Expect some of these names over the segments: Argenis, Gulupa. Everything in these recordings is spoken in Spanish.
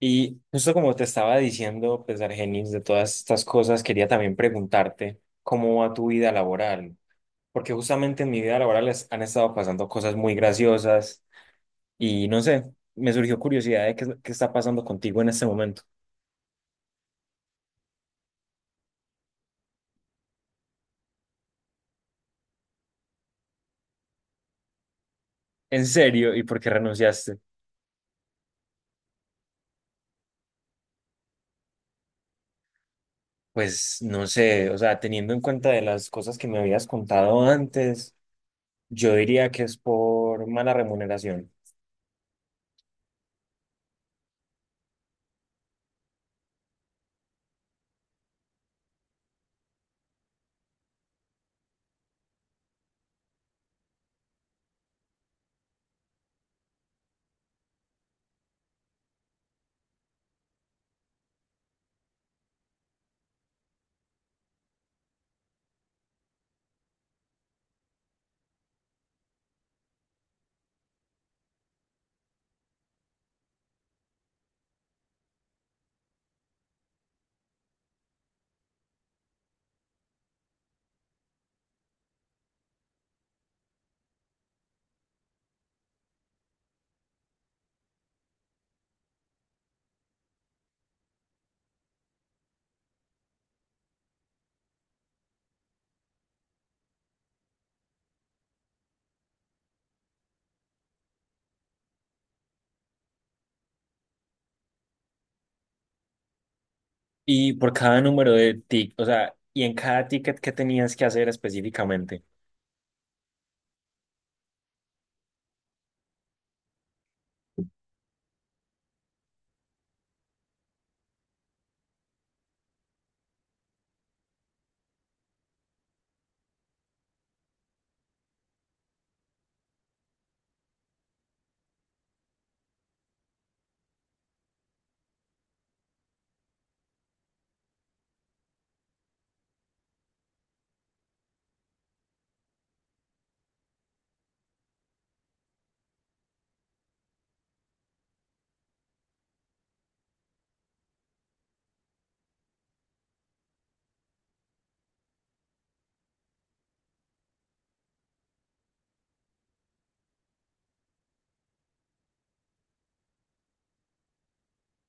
Y justo como te estaba diciendo, pues Argenis, de todas estas cosas, quería también preguntarte cómo va tu vida laboral, porque justamente en mi vida laboral han estado pasando cosas muy graciosas y no sé, me surgió curiosidad de qué, qué está pasando contigo en este momento. ¿En serio? ¿Y por qué renunciaste? Pues no sé, o sea, teniendo en cuenta de las cosas que me habías contado antes, yo diría que es por mala remuneración. Y por cada o sea, y en cada ticket que tenías que hacer específicamente.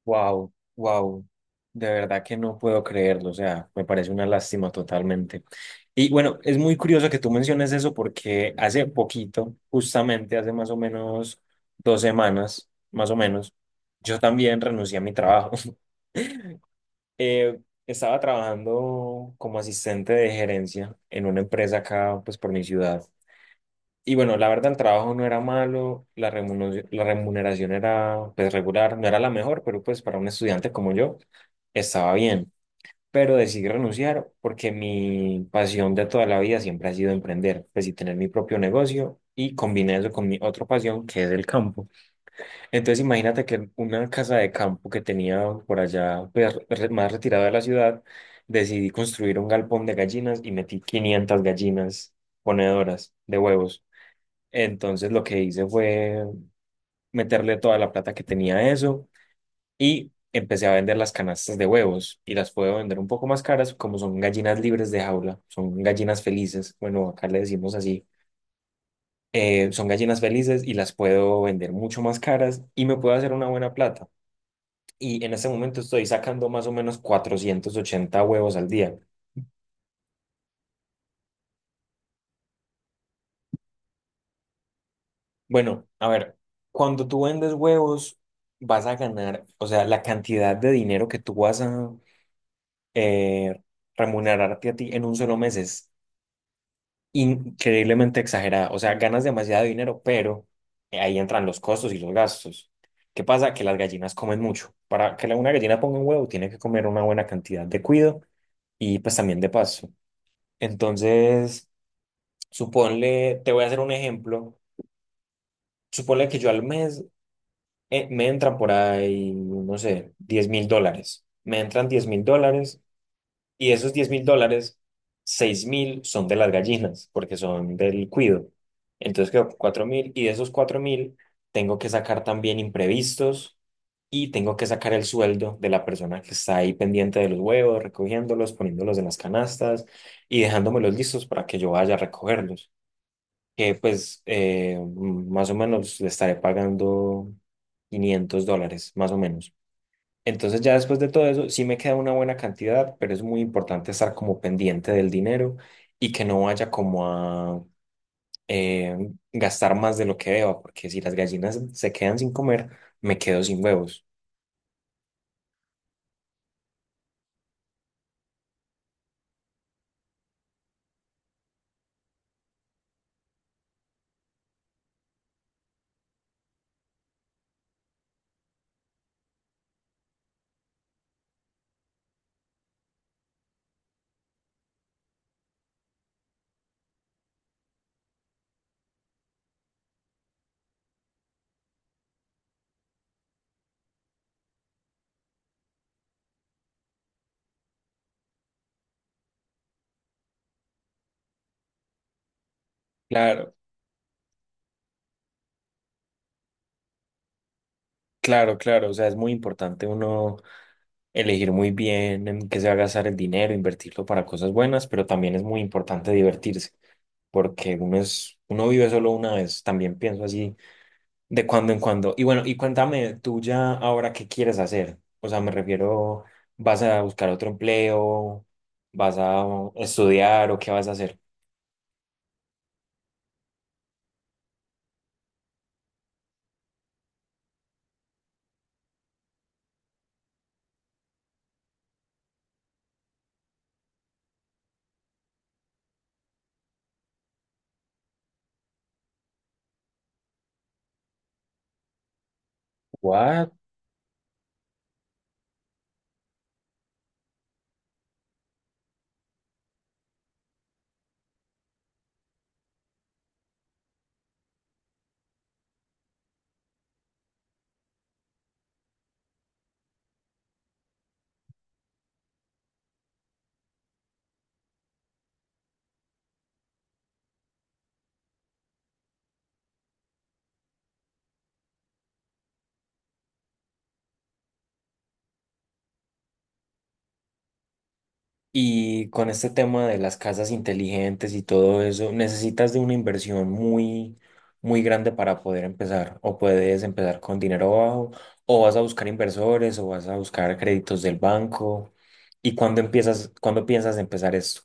Wow, wow. De verdad que no puedo creerlo, o sea, me parece una lástima totalmente. Y bueno, es muy curioso que tú menciones eso porque hace poquito, justamente hace más o menos dos semanas, más o menos, yo también renuncié a mi trabajo. Eh, Estaba trabajando como asistente de gerencia en una empresa acá, pues por mi ciudad. Y bueno, la verdad, el trabajo no era malo, la remuneración era pues regular, no era la mejor, pero pues para un estudiante como yo estaba bien. Pero decidí renunciar porque mi pasión de toda la vida siempre ha sido emprender, pues, y tener mi propio negocio, y combiné eso con mi otra pasión que es el campo. Entonces imagínate que una casa de campo que tenía por allá pues, más retirada de la ciudad, decidí construir un galpón de gallinas y metí 500 gallinas ponedoras de huevos. Entonces lo que hice fue meterle toda la plata que tenía a eso y empecé a vender las canastas de huevos y las puedo vender un poco más caras como son gallinas libres de jaula, son gallinas felices, bueno, acá le decimos así, son gallinas felices y las puedo vender mucho más caras y me puedo hacer una buena plata. Y en este momento estoy sacando más o menos 480 huevos al día. Bueno, a ver, cuando tú vendes huevos, vas a ganar, o sea, la cantidad de dinero que tú vas a eh, remunerarte a ti en un solo mes es increíblemente exagerada. O sea, ganas demasiado dinero, pero ahí entran los costos y los gastos. ¿Qué pasa? Que las gallinas comen mucho. Para que una gallina ponga un huevo, tiene que comer una buena cantidad de cuido y pues también de paso. Entonces, suponle, te voy a hacer un ejemplo. Suponle que yo al mes me entran por ahí, no sé, $10,000. Me entran $10,000. Y esos $10,000, 6,000 son de las gallinas, porque son del cuido. Entonces quedó 4,000, y de esos 4,000 tengo que sacar también imprevistos y tengo que sacar el sueldo de la persona que está ahí pendiente de los huevos, recogiéndolos, poniéndolos en las canastas y dejándomelos listos para que yo vaya a recogerlos. Que pues más o menos le estaré pagando $500, más o menos. Entonces ya después de todo eso, sí me queda una buena cantidad, pero es muy importante estar como pendiente del dinero y que no vaya como a eh, gastar más de lo que deba, porque si las gallinas se quedan sin comer, me quedo sin huevos. Claro, claro, claro. O sea, es muy importante uno elegir muy bien en qué se va a gastar el dinero, invertirlo para cosas buenas, pero también es muy importante divertirse, porque uno es, uno vive solo una vez. También pienso así. De cuando en cuando. Y bueno, y cuéntame tú ya ahora qué quieres hacer. O sea, me refiero, ¿vas a buscar otro empleo? ¿Vas a estudiar o qué vas a hacer? What? Y con este tema de las casas inteligentes y todo eso, ¿necesitas de una inversión muy, muy grande para poder empezar? ¿O puedes empezar con dinero bajo? ¿O vas a buscar inversores? ¿O vas a buscar créditos del banco? ¿Y cuándo empiezas, cuándo piensas empezar esto?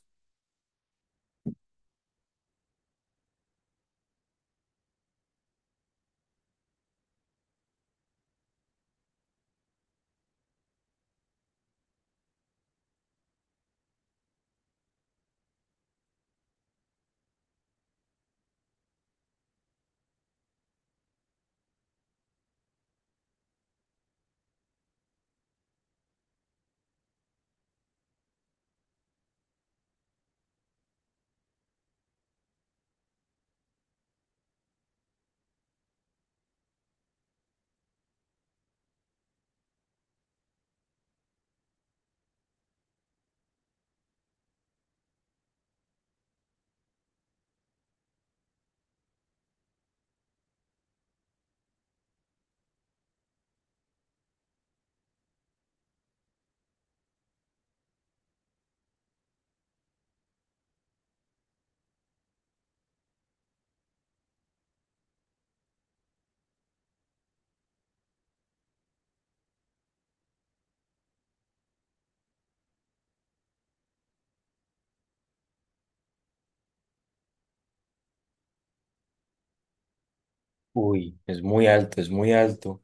Uy, es muy alto, es muy alto.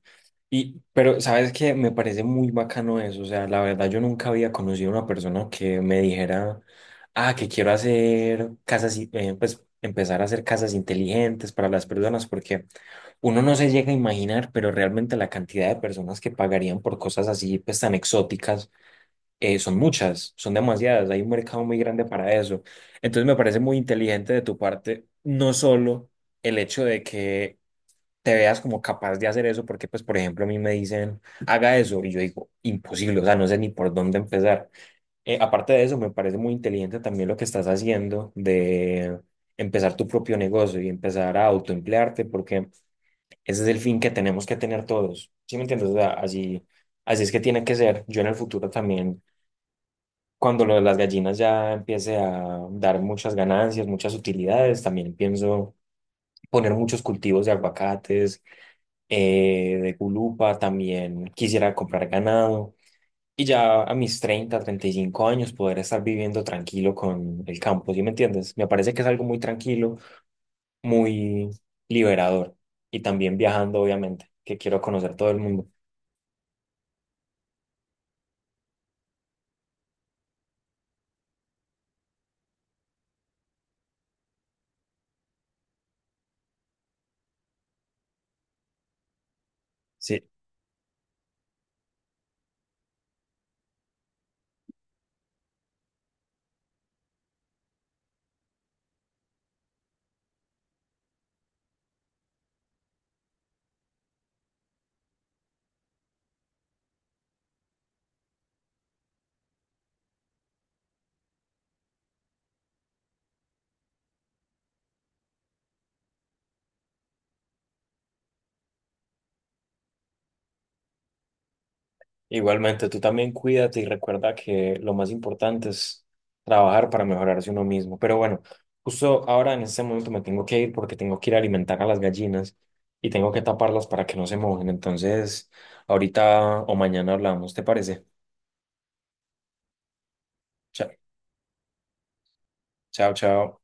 Y, pero, ¿sabes qué? Me parece muy bacano eso. O sea, la verdad, yo nunca había conocido a una persona que me dijera, ah, que quiero hacer casas, pues empezar a hacer casas inteligentes para las personas, porque uno no se llega a imaginar, pero realmente la cantidad de personas que pagarían por cosas así, pues tan exóticas, son muchas, son demasiadas. Hay un mercado muy grande para eso. Entonces, me parece muy inteligente de tu parte, no solo el hecho de que te veas como capaz de hacer eso, porque pues por ejemplo a mí me dicen, haga eso, y yo digo, imposible, o sea, no sé ni por dónde empezar. Aparte de eso, me parece muy inteligente también lo que estás haciendo de empezar tu propio negocio y empezar a autoemplearte, porque ese es el fin que tenemos que tener todos, ¿sí me entiendes? O sea, así, así es que tiene que ser. Yo en el futuro también, cuando lo de las gallinas ya empiece a dar muchas ganancias, muchas utilidades, también pienso poner muchos cultivos de aguacates, de Gulupa, también quisiera comprar ganado y ya a mis 35 años poder estar viviendo tranquilo con el campo, ¿sí me entiendes? Me parece que es algo muy tranquilo, muy liberador, y también viajando, obviamente, que quiero conocer todo el mundo. Sí. Igualmente, tú también cuídate y recuerda que lo más importante es trabajar para mejorarse uno mismo. Pero bueno, justo ahora en este momento me tengo que ir porque tengo que ir a alimentar a las gallinas y tengo que taparlas para que no se mojen. Entonces, ahorita o mañana hablamos, ¿te parece? Chao, chao, chao.